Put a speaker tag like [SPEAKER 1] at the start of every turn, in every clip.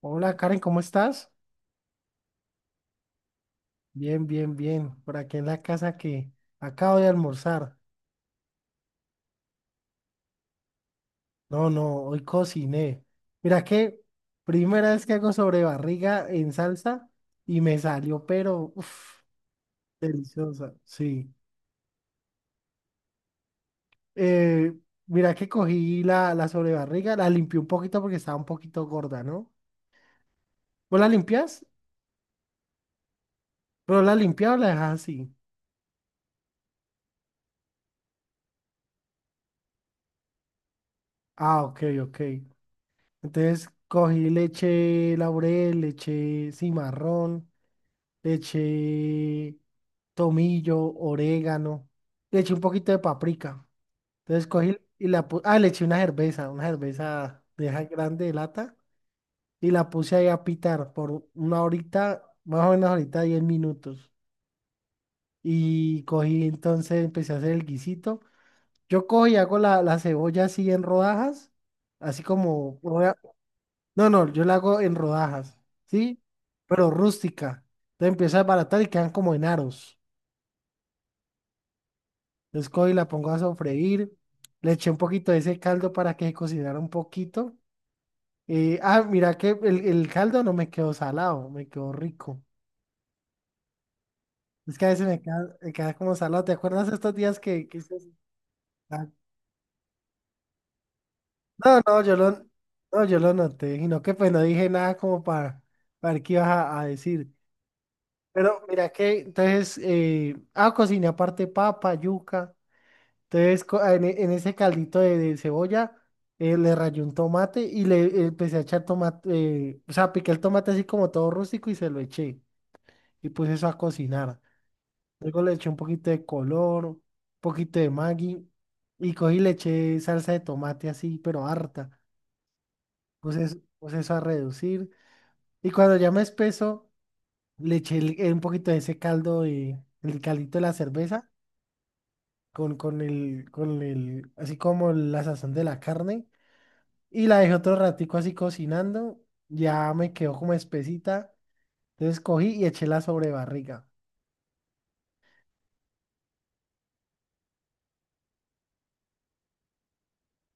[SPEAKER 1] Hola Karen, ¿cómo estás? Bien, bien, bien. Por aquí en la casa que acabo de almorzar. No, no, hoy cociné. Mira que primera vez que hago sobre barriga en salsa y me salió, pero uf, deliciosa. Sí. Eh, mira que cogí la sobrebarriga, la limpié un poquito porque estaba un poquito gorda, ¿no? ¿Vos la limpias? ¿Pero la limpias o la dejas así? Ah, ok, ok. Entonces cogí leche laurel, leche cimarrón. Le eché tomillo, orégano. Le eché un poquito de paprika. Entonces cogí y la puse. Ah, le eché una cerveza de esa grande de lata. Y la puse ahí a pitar por una horita, más o menos ahorita 10 minutos. Y cogí, entonces empecé a hacer el guisito. Yo cojo y hago la cebolla así en rodajas. Así como. No, no, yo la hago en rodajas. ¿Sí? Pero rústica. Entonces empiezo a desbaratar y quedan como en aros. Entonces cojo y la pongo a sofreír. Le eché un poquito de ese caldo para que cocinara un poquito. Mira que el caldo no me quedó salado, me quedó rico. Es que a veces me queda como salado. ¿Te acuerdas estos días que hice así? Ah, no, no, no, yo lo noté, sino que pues no dije nada como para ver qué ibas a decir. Pero mira que entonces, cociné aparte papa, yuca. Entonces, en ese caldito de cebolla, le rayé un tomate y le empecé a echar tomate, o sea, piqué el tomate así como todo rústico y se lo eché. Y puse eso a cocinar. Luego le eché un poquito de color, un poquito de Maggi y cogí y le eché salsa de tomate así, pero harta. Puse eso a reducir. Y cuando ya me espeso, le eché un poquito de ese caldo, el caldito de la cerveza, con el, así como la sazón de la carne. Y la dejé otro ratico así cocinando, ya me quedó como espesita, entonces cogí y eché la sobrebarriga.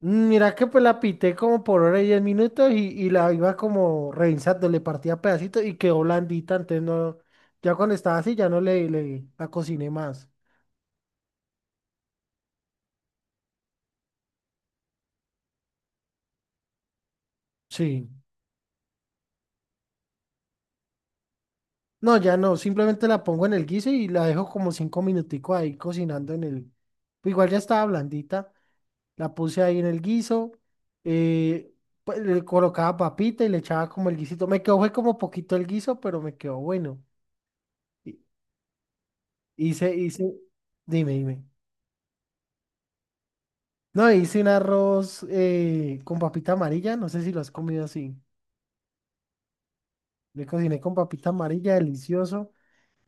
[SPEAKER 1] Mira que pues la pité como por hora y 10 minutos y la iba como revisando, le partía pedacitos y quedó blandita, entonces no, ya cuando estaba así ya no le la cociné más. Sí. No, ya no, simplemente la pongo en el guiso y la dejo como 5 minuticos ahí cocinando en el, igual ya estaba blandita. La puse ahí en el guiso. eh, pues, le colocaba papita y le echaba como el guisito. Me quedó, fue como poquito el guiso, pero me quedó bueno. Hi- Hice, hice, Dime, dime. No, hice un arroz con papita amarilla. No sé si lo has comido así. Le cociné con papita amarilla, delicioso.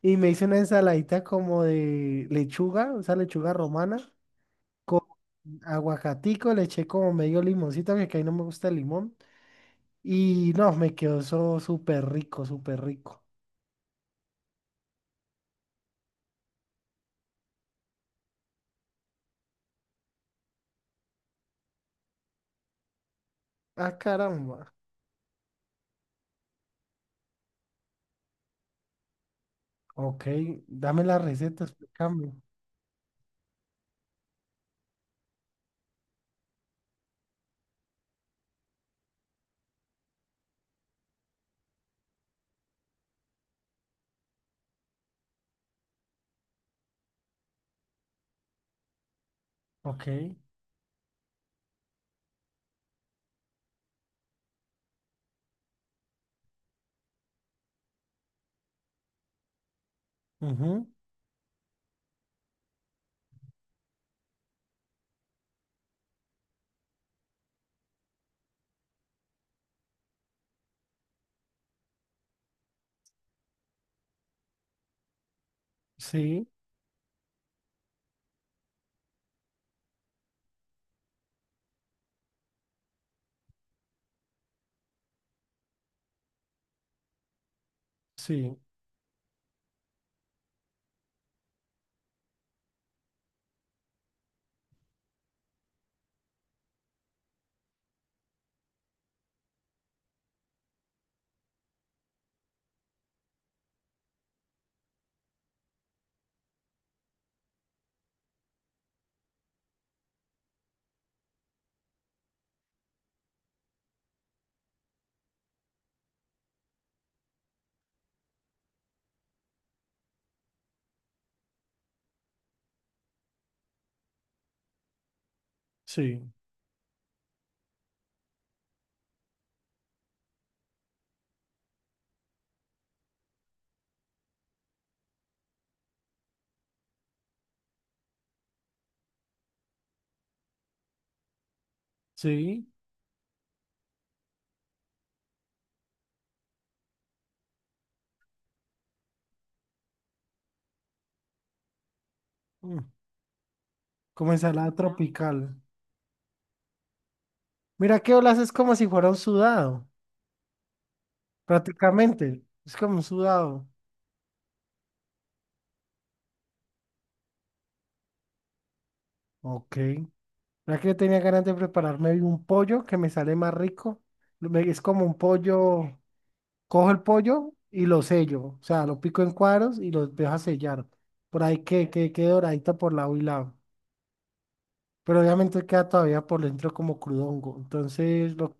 [SPEAKER 1] Y me hice una ensaladita como de lechuga, esa lechuga romana, con aguacatico. Le eché como medio limoncito, porque a mí no me gusta el limón. Y no, me quedó eso súper rico, súper rico. Ah, caramba. Ok, dame la receta, explícame. Ok, ujú, sí, sí, sí, sí. mm, Como ensalada tropical. Mira que olas es como si fuera un sudado, prácticamente. Es como un sudado. Ok. Mira que yo tenía ganas de prepararme un pollo que me sale más rico. Es como un pollo, cojo el pollo y lo sello. O sea, lo pico en cuadros y los dejo a sellar. Por ahí que quede doradito por lado y lado. Pero obviamente queda todavía por dentro como crudongo. Entonces,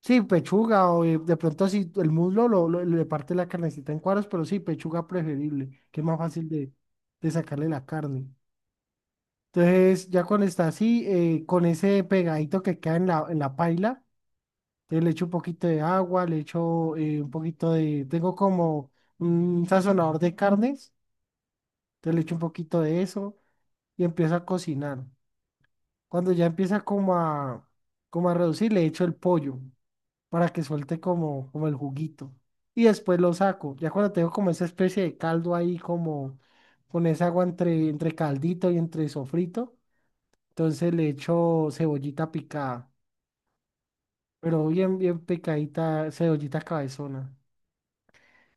[SPEAKER 1] sí, pechuga, o de pronto si el muslo le parte la carnecita en cuadros, pero sí, pechuga preferible, que es más fácil de sacarle la carne. Entonces, ya cuando está así, con ese pegadito que queda en la paila, entonces le echo un poquito de agua, le echo tengo como un sazonador de carnes, entonces le echo un poquito de eso y empiezo a cocinar. Cuando ya empieza como a reducir, le echo el pollo para que suelte como el juguito. Y después lo saco. Ya cuando tengo como esa especie de caldo ahí, como con esa agua entre caldito y entre sofrito, entonces le echo cebollita picada, pero bien, bien picadita, cebollita cabezona.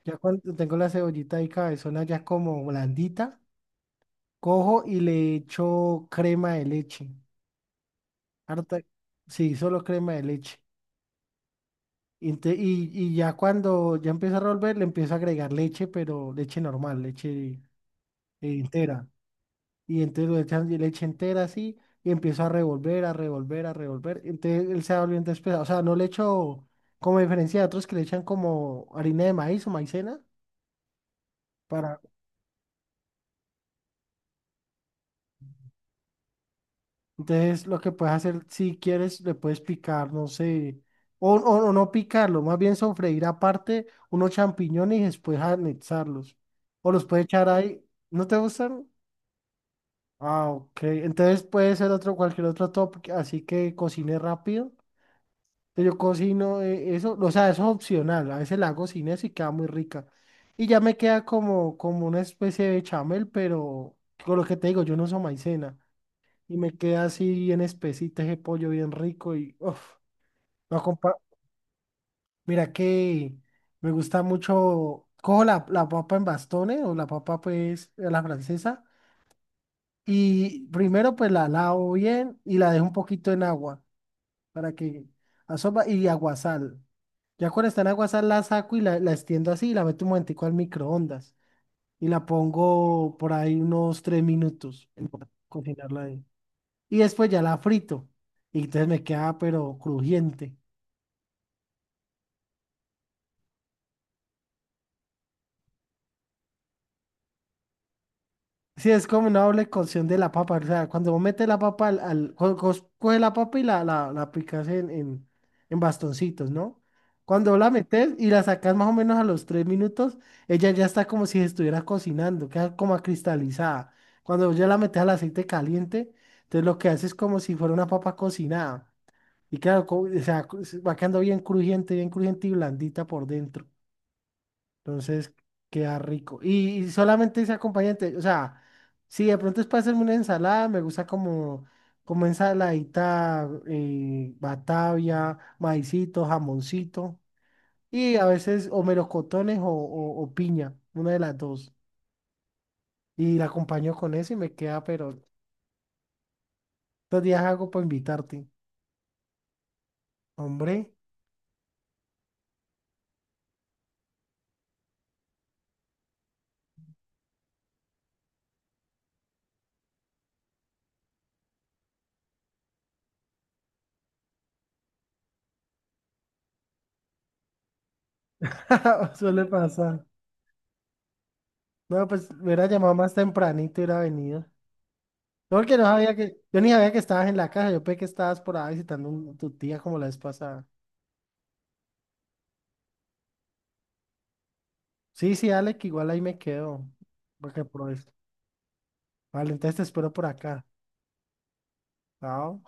[SPEAKER 1] Ya cuando tengo la cebollita ahí cabezona ya como blandita, cojo y le echo crema de leche. Harta, sí, solo crema de leche. Y ya cuando ya empieza a revolver, le empieza a agregar leche, pero leche normal, leche entera. Y entonces le echan leche entera así y empieza a revolver, a revolver, a revolver. Entonces él se va volviendo espesa. O sea, no le echo, como diferencia de otros que le echan como harina de maíz o maicena. Para... Entonces lo que puedes hacer, si quieres, le puedes picar, no sé, o no picarlo, más bien sofreír aparte unos champiñones y después anexarlos. O los puedes echar ahí. ¿No te gustan? Ah, ok. Entonces puede ser otro, cualquier otro top, así que cocine rápido. Yo cocino eso, o sea, eso es opcional. A veces la hago sin eso y queda muy rica. Y ya me queda como una especie de chamel, pero con lo que te digo, yo no uso maicena. Y me queda así bien espesita ese pollo bien rico y uf, lo acompa- Mira que me gusta mucho, cojo la papa en bastones o la papa pues a la francesa. Y primero pues la lavo bien y la dejo un poquito en agua para que asoma y aguasal. Ya cuando está en aguasal la saco y la extiendo así y la meto un momentico al microondas y la pongo por ahí unos 3 minutos en cocinarla ahí. Y después ya la frito y entonces me queda pero crujiente. Sí, es como una doble cocción de la papa. O sea, cuando vos metes la papa coge la papa y la picas en bastoncitos, ¿no? Cuando la metes y la sacas más o menos a los 3 minutos, ella ya está como si estuviera cocinando, queda como acristalizada. Cuando vos ya la metes al aceite caliente, entonces lo que hace es como si fuera una papa cocinada. Y claro, o sea, se va quedando bien crujiente y blandita por dentro. Entonces, queda rico. Y solamente ese acompañante, o sea, si de pronto es para hacerme una ensalada, me gusta como ensaladita, batavia, maicito, jamoncito, y a veces o melocotones o piña, una de las dos. Y la acompaño con eso y me queda, pero estos días hago para invitarte. Hombre, suele pasar. No, pues me hubiera llamado más tempranito y hubiera venido. No, porque no sabía que, yo ni sabía que estabas en la casa, yo pensé que estabas por ahí visitando tu tía como la vez pasada. Sí, sí, dale, que igual ahí me quedo, porque por eso. Vale, entonces te espero por acá. Chao.